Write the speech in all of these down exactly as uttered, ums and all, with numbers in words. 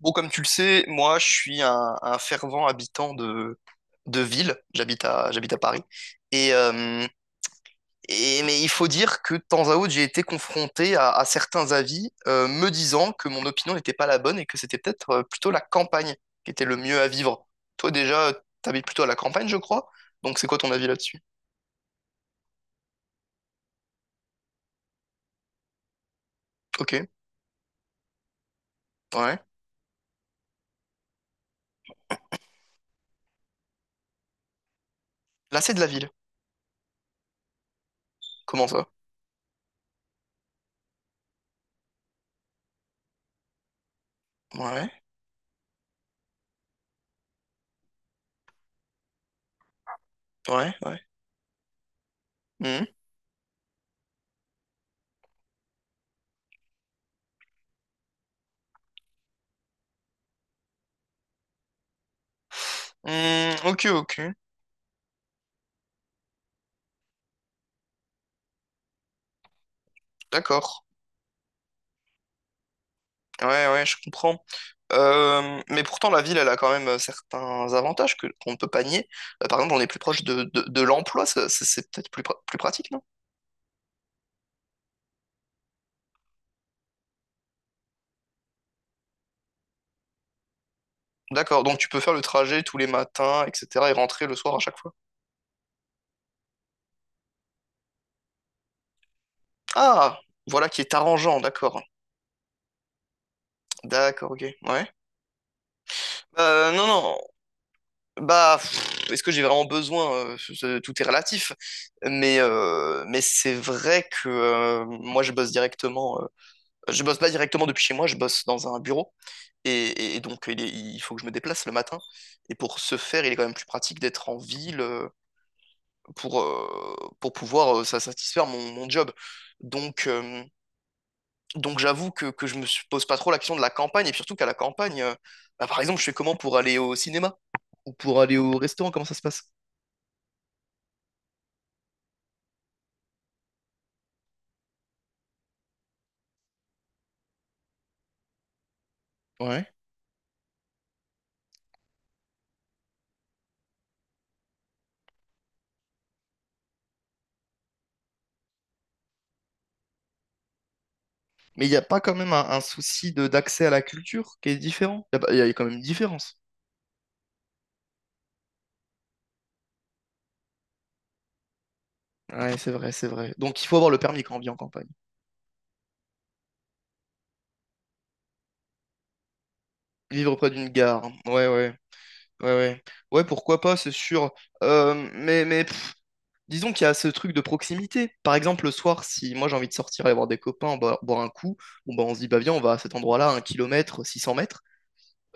Bon, comme tu le sais, moi, je suis un, un fervent habitant de, de ville. J'habite à, j'habite à Paris. Et, euh, et, mais il faut dire que de temps à autre, j'ai été confronté à, à certains avis euh, me disant que mon opinion n'était pas la bonne et que c'était peut-être euh, plutôt la campagne qui était le mieux à vivre. Toi, déjà, t'habites plutôt à la campagne, je crois. Donc, c'est quoi ton avis là-dessus? Ok, ouais. Là, c'est de la ville. Comment ça? Ouais, ouais, ouais. Hmm. Hmm, ok, ok. D'accord. Ouais, ouais, je comprends. Euh, mais pourtant, la ville, elle a quand même euh, certains avantages que qu'on ne peut pas nier. Euh, par exemple, on est plus proche de, de, de l'emploi, ça- c'est c'est peut-être plus, pra- plus pratique, non? D'accord, donc tu peux faire le trajet tous les matins, et cetera, et rentrer le soir à chaque fois. Ah, voilà qui est arrangeant, d'accord. D'accord, ok, ouais. Euh, non, non, bah, pff, est-ce que j'ai vraiment besoin? Euh, ce- tout est relatif. Mais, euh, mais c'est vrai que euh, moi, je bosse directement. Euh, je bosse pas directement depuis chez moi, je bosse dans un bureau. Et, et donc, il, est- il faut que je me déplace le matin. Et pour ce faire, il est quand même plus pratique d'être en ville euh, pour, euh, pour pouvoir euh, ça satisfaire mon, mon job. Donc, euh, donc j'avoue que, que je me suis- pose pas trop la question de la campagne. Et surtout qu'à la campagne, euh, bah, par exemple, je fais comment pour aller au cinéma ou pour aller au restaurant? Comment ça se passe? Ouais. Mais il n'y a pas quand même un, un souci de d'accès à la culture qui est différent? Il y, a pas- Il y a quand même une différence. Ouais, c'est vrai, c'est vrai. Donc, il faut avoir le permis quand on vit en campagne. Vivre près d'une gare. Ouais, ouais. Ouais, ouais. Ouais, pourquoi pas, c'est sûr. Euh, mais mais pff, disons qu'il y a ce truc de proximité. Par exemple, le soir, si moi j'ai envie de sortir aller voir des copains, boire, boire un coup, bon, bah, on se dit, bah viens, on va à cet endroit-là, un kilomètre, six cents mètres.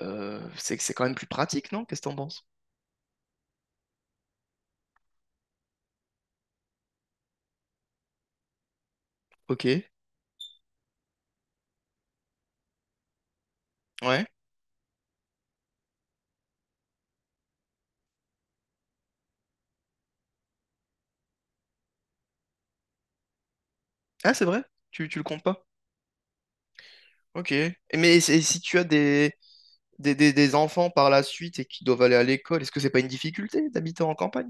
Euh, c'est, c'est quand même plus pratique, non? Qu'est-ce que t'en penses? Ok. Ouais. Ah, c'est vrai? Tu, tu le comptes pas? Ok. Et mais c'est- si tu as des, des, des, des enfants par la suite et qui doivent aller à l'école, est-ce que c'est pas une difficulté d'habiter en campagne?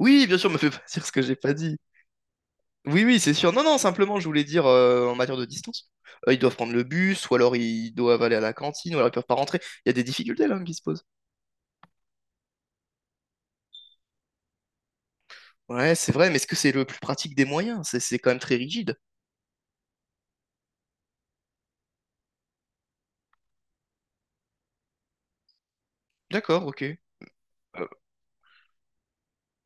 Oui, bien sûr, me fais pas dire ce que j'ai pas dit. Oui, oui, c'est sûr. Non, non, simplement, je voulais dire euh, en matière de distance, euh, ils doivent prendre le bus, ou alors ils doivent aller à la cantine, ou alors ils peuvent pas rentrer. Il y a des difficultés là qui se posent. Ouais, c'est vrai, mais est-ce que c'est le plus pratique des moyens? C'est c'est quand même très rigide. D'accord, ok. Euh,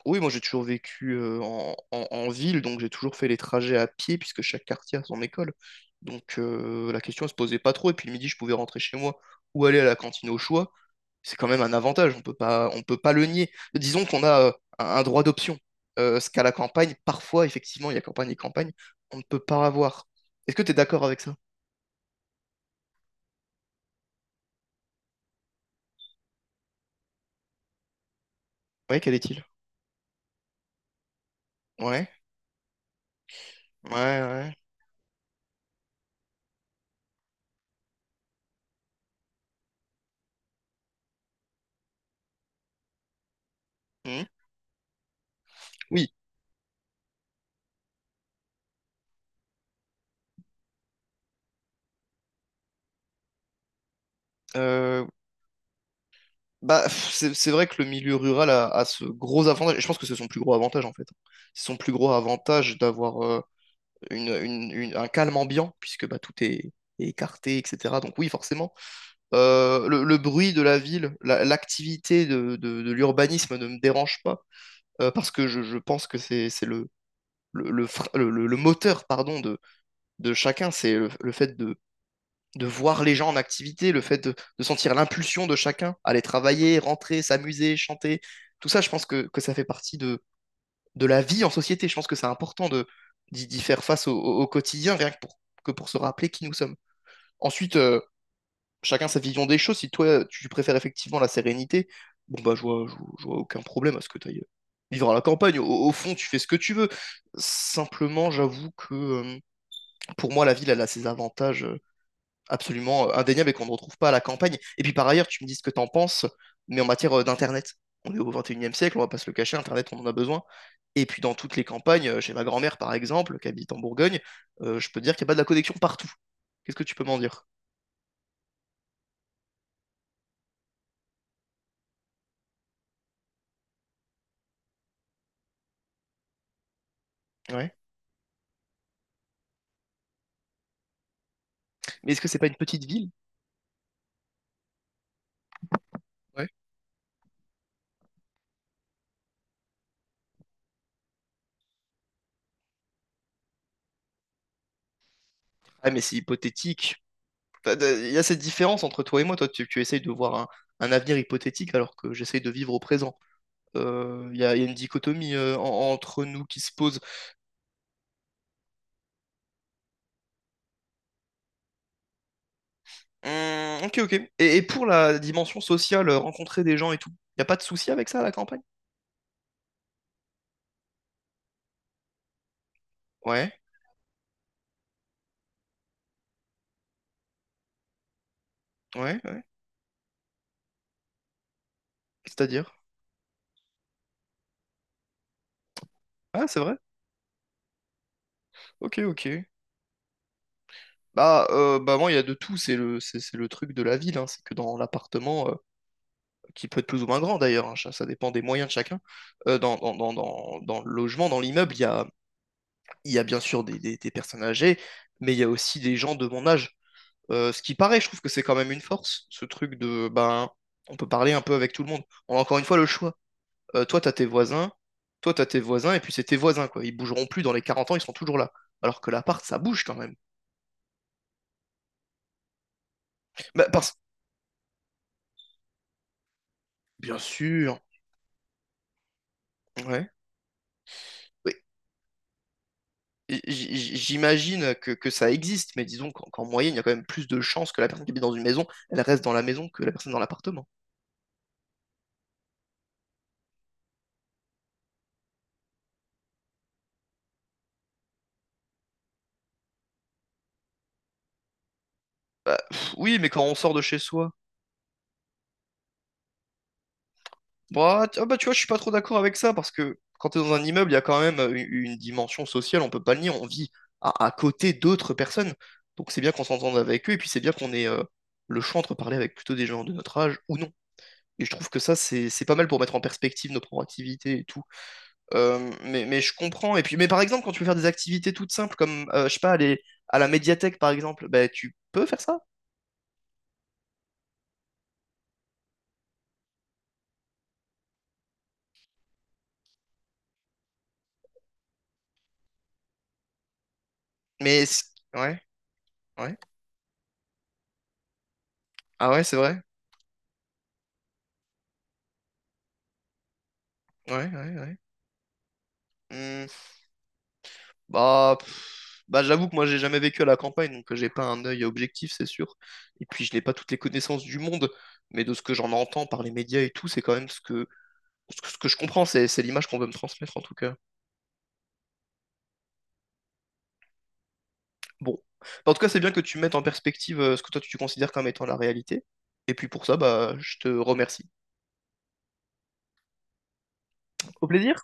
oui, moi j'ai toujours vécu euh, en, en- en ville, donc j'ai toujours fait les trajets à pied, puisque chaque quartier a son école. Donc euh, la question ne se posait pas trop, et puis le midi je pouvais rentrer chez moi ou aller à la cantine au choix. C'est quand même un avantage, on peut pas, on peut pas le nier. Disons qu'on a euh, un, un droit d'option, euh, ce qu'à la campagne, parfois, effectivement, il y a campagne et campagne, on ne peut pas avoir. Est-ce que tu es d'accord avec ça? Oui, quel est-il? Ouais, ouais, ouais. Hmm. Oui, euh, bah, pff, c'est c'est vrai que le milieu rural a, a ce gros avantage, et je pense que c'est son plus gros avantage en fait. C'est son plus gros avantage d'avoir euh, une, une- une- un calme ambiant, puisque bah, tout est, est écarté, et cetera. Donc oui, forcément. Euh, le, le bruit de la ville, la- l'activité de, de- de l'urbanisme ne me dérange pas, euh, parce que je, je pense que c'est c'est le, le, le, fre- le- le- le moteur pardon, de, de chacun, c'est le, le fait de voir les gens en activité, le fait de, de sentir l'impulsion de chacun, aller travailler, rentrer, s'amuser, chanter, tout ça, je pense que, que ça fait partie de, de la vie en société. Je pense que c'est important de, d'y, d'y faire face au, au, au quotidien, rien que pour, que pour se rappeler qui nous sommes. Ensuite, euh, chacun sa vision des choses. Si toi, tu préfères effectivement la sérénité, bon, bah, je vois, je, je vois aucun problème à ce que tu ailles vivre à la campagne. Au, au, fond, tu fais ce que tu veux. Simplement, j'avoue que euh, pour moi, la ville, elle a ses avantages euh, absolument euh, indéniable et qu'on ne retrouve pas à la campagne. Et puis par ailleurs, tu me dis ce que tu en penses, mais en matière euh, d'Internet, on est au vingt et unième siècle, on va pas se le cacher, Internet, on en a besoin. Et puis dans toutes les campagnes, euh, chez ma grand-mère par exemple, qui habite en Bourgogne, euh, je peux te dire qu'il n'y a pas de la connexion partout. Qu'est-ce que tu peux m'en dire? Ouais. Mais est-ce que c'est pas une petite ville? Ouais. Ah, mais c'est hypothétique. Enfin, de- il y a cette différence entre toi et moi. Toi, tu, tu essayes de voir un, un avenir hypothétique alors que j'essaye de vivre au présent. Euh, Il y a, il y a une dichotomie euh, en- entre nous qui se pose. Hum, ok, ok. Et, et pour la dimension sociale, euh, rencontrer des gens et tout, y a pas de souci avec ça à la campagne? Ouais, ouais, ouais. C'est-à-dire? Ah, c'est vrai? Ok, ok. Bah, euh, bah moi, il y a de tout, c'est le, c'est, c'est le truc de la ville, hein. C'est que dans l'appartement, euh, qui peut être plus ou moins grand d'ailleurs, hein, ça ça dépend des moyens de chacun, euh, dans, dans, dans, dans, dans le logement, dans l'immeuble, il y a, il y a bien sûr des, des, des personnes âgées, mais il y a aussi des gens de mon âge. Euh, ce qui paraît, je trouve que c'est quand même une force, ce truc de, ben, on peut parler un peu avec tout le monde. On a encore une fois le choix. Euh, toi, t'as tes voisins, Toi, t'as tes voisins, et puis c'est tes voisins, quoi. Ils bougeront plus dans les quarante ans, ils sont toujours là. Alors que l'appart, ça bouge quand même. Bah, parce... Bien sûr, ouais. Oui. J- j- J'imagine que, que ça existe, mais disons qu'en qu'en moyenne, il y a quand même plus de chances que la personne qui habite dans une maison, elle reste dans la maison que la personne dans l'appartement. Bah, pff, oui, mais quand on sort de chez soi, bah, t- ah bah, tu vois, je suis pas trop d'accord avec ça parce que quand tu es dans un immeuble, il y a quand même euh, une une dimension sociale, on peut pas le nier, on vit à, à côté d'autres personnes. Donc c'est bien qu'on s'entende avec eux et puis c'est bien qu'on ait euh, le choix entre parler avec plutôt des gens de notre âge ou non. Et je trouve que ça, c'est c'est pas mal pour mettre en perspective nos propres activités et tout. Euh, mais, mais je comprends. Et puis, mais par exemple, quand tu veux faire des activités toutes simples, comme, euh, je sais pas, aller à la médiathèque, par exemple, bah, tu peux faire ça. Mais, c- ouais, ouais. Ah ouais, c'est vrai. Ouais, ouais, ouais. Mmh. Bah, pff, bah j'avoue que moi j'ai jamais vécu à la campagne, donc euh, j'ai pas un œil objectif, c'est sûr. Et puis je n'ai pas toutes les connaissances du monde, mais de ce que j'en entends par les médias et tout, c'est quand même ce que, ce que, ce que je comprends, c'est, c'est l'image qu'on veut me transmettre en tout cas. Bon. Bah, en tout cas, c'est bien que tu mettes en perspective euh, ce que toi tu considères comme étant la réalité. Et puis pour ça, bah, je te remercie. Au plaisir.